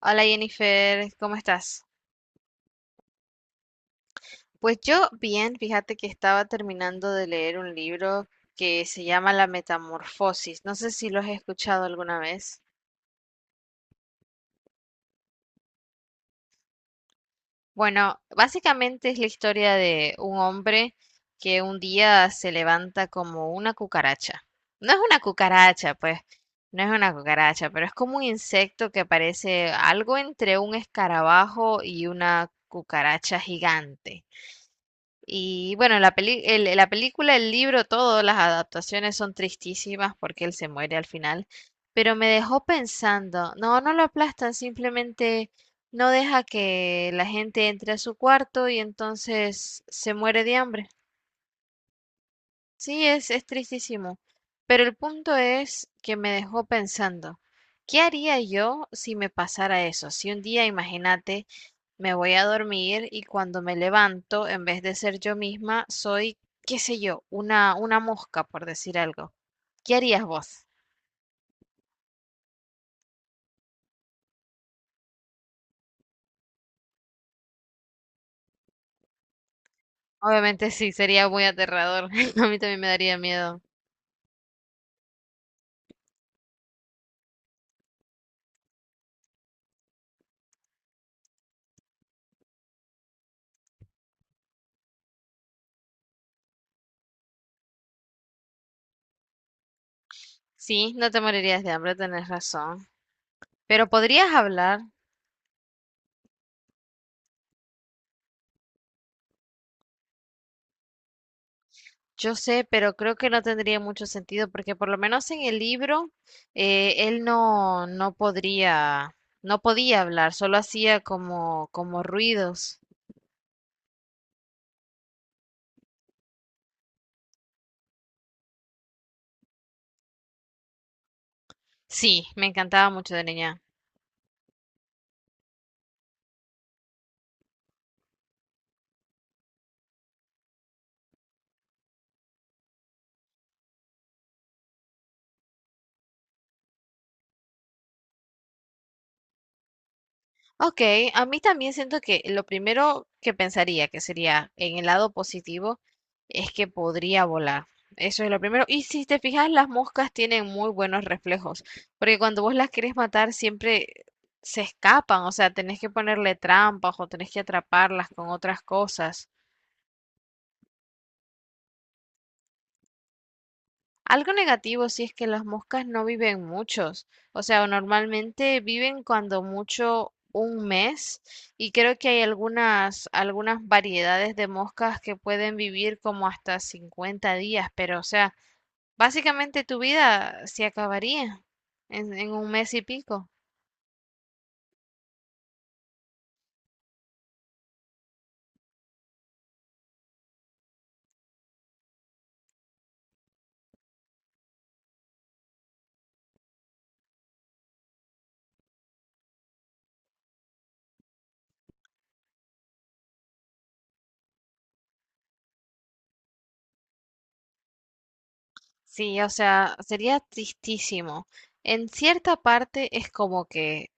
Hola Jennifer, ¿cómo estás? Pues yo bien, fíjate que estaba terminando de leer un libro que se llama La Metamorfosis. No sé si lo has escuchado alguna vez. Bueno, básicamente es la historia de un hombre que un día se levanta como una cucaracha. No es una cucaracha, pues, no es una cucaracha, pero es como un insecto que parece algo entre un escarabajo y una cucaracha gigante. Y bueno, la película, el libro, todas las adaptaciones son tristísimas porque él se muere al final. Pero me dejó pensando, no lo aplastan, simplemente no deja que la gente entre a su cuarto y entonces se muere de hambre. Sí, es tristísimo. Pero el punto es que me dejó pensando, ¿qué haría yo si me pasara eso? Si un día, imagínate, me voy a dormir y cuando me levanto, en vez de ser yo misma, soy, qué sé yo, una mosca, por decir algo. ¿Qué harías vos? Obviamente sí, sería muy aterrador. A mí también me daría miedo. Sí, no te morirías de hambre, tenés razón. Pero podrías hablar, yo sé, pero creo que no tendría mucho sentido porque por lo menos en el libro él no podía hablar, solo hacía como ruidos. Sí, me encantaba mucho de niña. Ok, a mí también siento que lo primero que pensaría que sería en el lado positivo es que podría volar. Eso es lo primero. Y si te fijas, las moscas tienen muy buenos reflejos, porque cuando vos las querés matar siempre se escapan, o sea, tenés que ponerle trampas o tenés que atraparlas con otras cosas. Algo negativo sí es que las moscas no viven muchos, o sea, normalmente viven cuando mucho un mes y creo que hay algunas variedades de moscas que pueden vivir como hasta 50 días, pero o sea, básicamente tu vida se acabaría en un mes y pico. Sí, o sea, sería tristísimo. En cierta parte es como que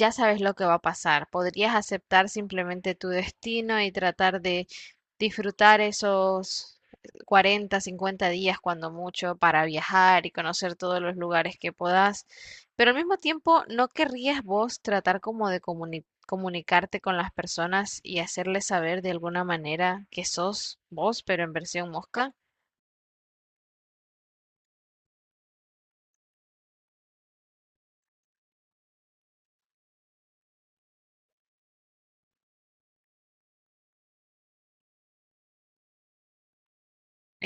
ya sabes lo que va a pasar. Podrías aceptar simplemente tu destino y tratar de disfrutar esos 40, 50 días cuando mucho para viajar y conocer todos los lugares que podás. Pero al mismo tiempo, ¿no querrías vos tratar como de comunicarte con las personas y hacerles saber de alguna manera que sos vos, pero en versión mosca?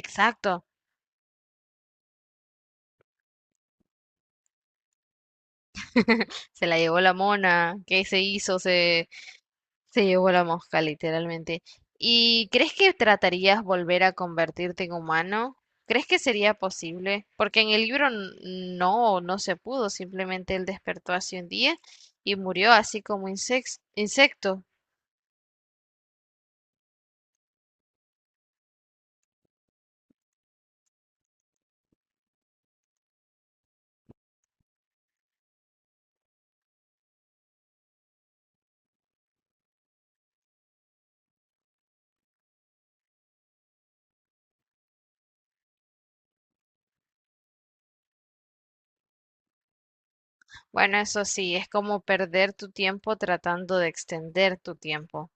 Exacto. Se la llevó la mona. ¿Qué se hizo? Se llevó la mosca, literalmente. ¿Y crees que tratarías volver a convertirte en humano? ¿Crees que sería posible? Porque en el libro no se pudo, simplemente él despertó hace un día y murió así como insecto. Bueno, eso sí, es como perder tu tiempo tratando de extender tu tiempo.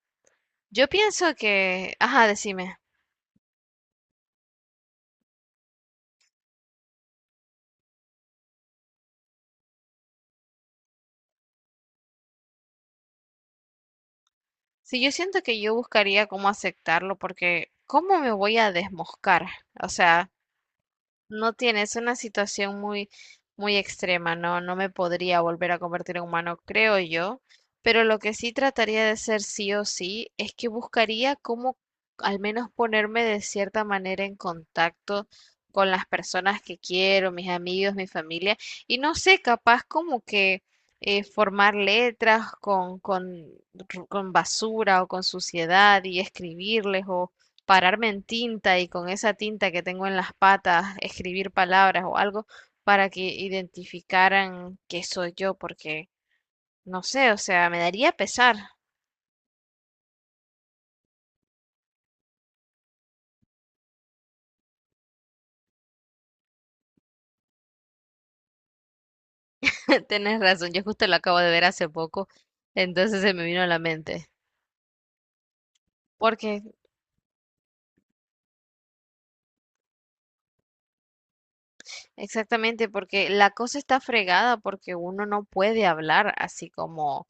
Yo pienso que, ajá, decime, si yo siento que yo buscaría cómo aceptarlo, porque ¿cómo me voy a desmoscar? O sea, no tienes una situación muy, muy extrema, ¿no? No me podría volver a convertir en humano, creo yo, pero lo que sí trataría de hacer sí o sí es que buscaría cómo al menos ponerme de cierta manera en contacto con las personas que quiero, mis amigos, mi familia, y no sé, capaz como que formar letras con basura o con suciedad y escribirles o pararme en tinta y con esa tinta que tengo en las patas escribir palabras o algo para que identificaran que soy yo, porque no sé, o sea, me daría pesar. Tienes razón, yo justo lo acabo de ver hace poco, entonces se me vino a la mente. Porque, exactamente, porque la cosa está fregada porque uno no puede hablar así como,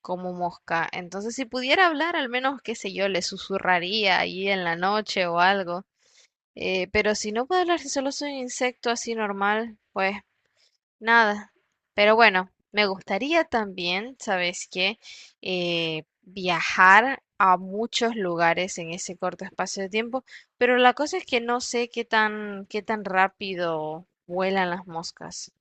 como mosca. Entonces, si pudiera hablar, al menos, qué sé yo, le susurraría ahí en la noche o algo. Pero si no puedo hablar, si solo soy un insecto así normal, pues nada. Pero bueno, me gustaría también, ¿sabes qué? Viajar a muchos lugares en ese corto espacio de tiempo, pero la cosa es que no sé qué tan rápido vuelan las moscas.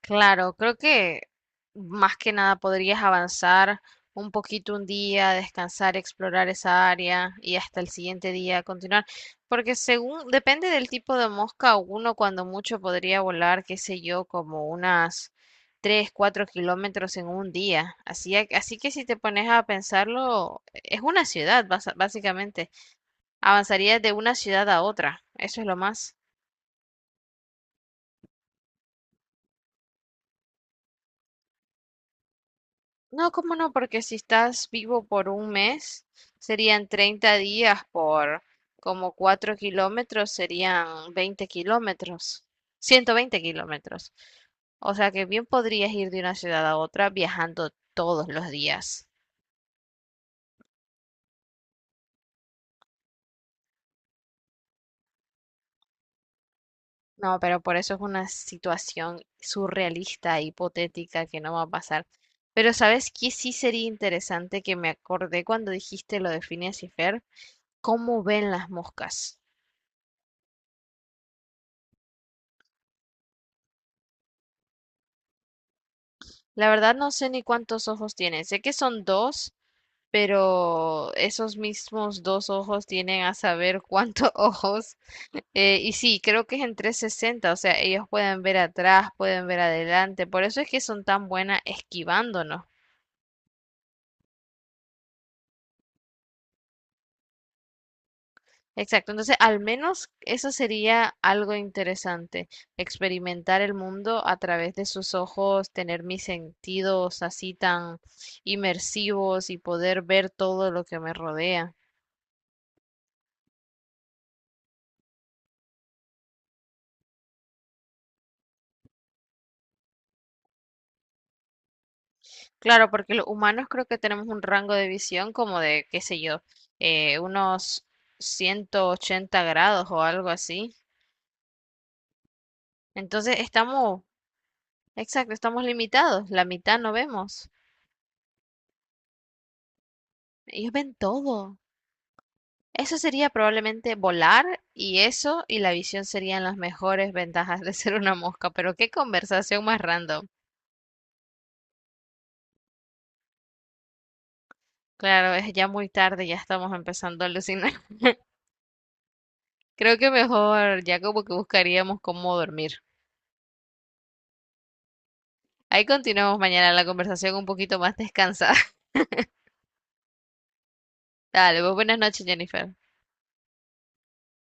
Claro, creo que más que nada podrías avanzar un poquito un día, descansar, explorar esa área y hasta el siguiente día continuar, porque según depende del tipo de mosca, uno cuando mucho podría volar, qué sé yo, como unas 3, 4 kilómetros en un día. Así, así que si te pones a pensarlo, es una ciudad, básicamente. Avanzarías de una ciudad a otra, eso es lo más. No, cómo no, porque si estás vivo por un mes, serían 30 días por como 4 kilómetros, serían 20 kilómetros, 120 kilómetros. O sea que bien podrías ir de una ciudad a otra viajando todos los días. No, pero por eso es una situación surrealista, hipotética, que no va a pasar. Pero ¿sabes qué? Sí sería interesante que me acordé cuando dijiste lo de Phineas y Fer, cómo ven las moscas. La verdad no sé ni cuántos ojos tienen. Sé que son dos, pero esos mismos dos ojos tienen a saber cuántos ojos. Y sí, creo que es en 360, o sea, ellos pueden ver atrás, pueden ver adelante. Por eso es que son tan buenas esquivándonos. Exacto, entonces al menos eso sería algo interesante, experimentar el mundo a través de sus ojos, tener mis sentidos así tan inmersivos y poder ver todo lo que me rodea. Claro, porque los humanos creo que tenemos un rango de visión como de, qué sé yo, unos 180 grados o algo así. Entonces estamos, exacto, estamos limitados, la mitad no vemos. Ellos ven todo. Eso sería probablemente volar y eso y la visión serían las mejores ventajas de ser una mosca, pero qué conversación más random. Claro, es ya muy tarde, ya estamos empezando a alucinar. Creo que mejor ya como que buscaríamos cómo dormir. Ahí continuamos mañana la conversación un poquito más descansada. Dale, pues buenas noches, Jennifer.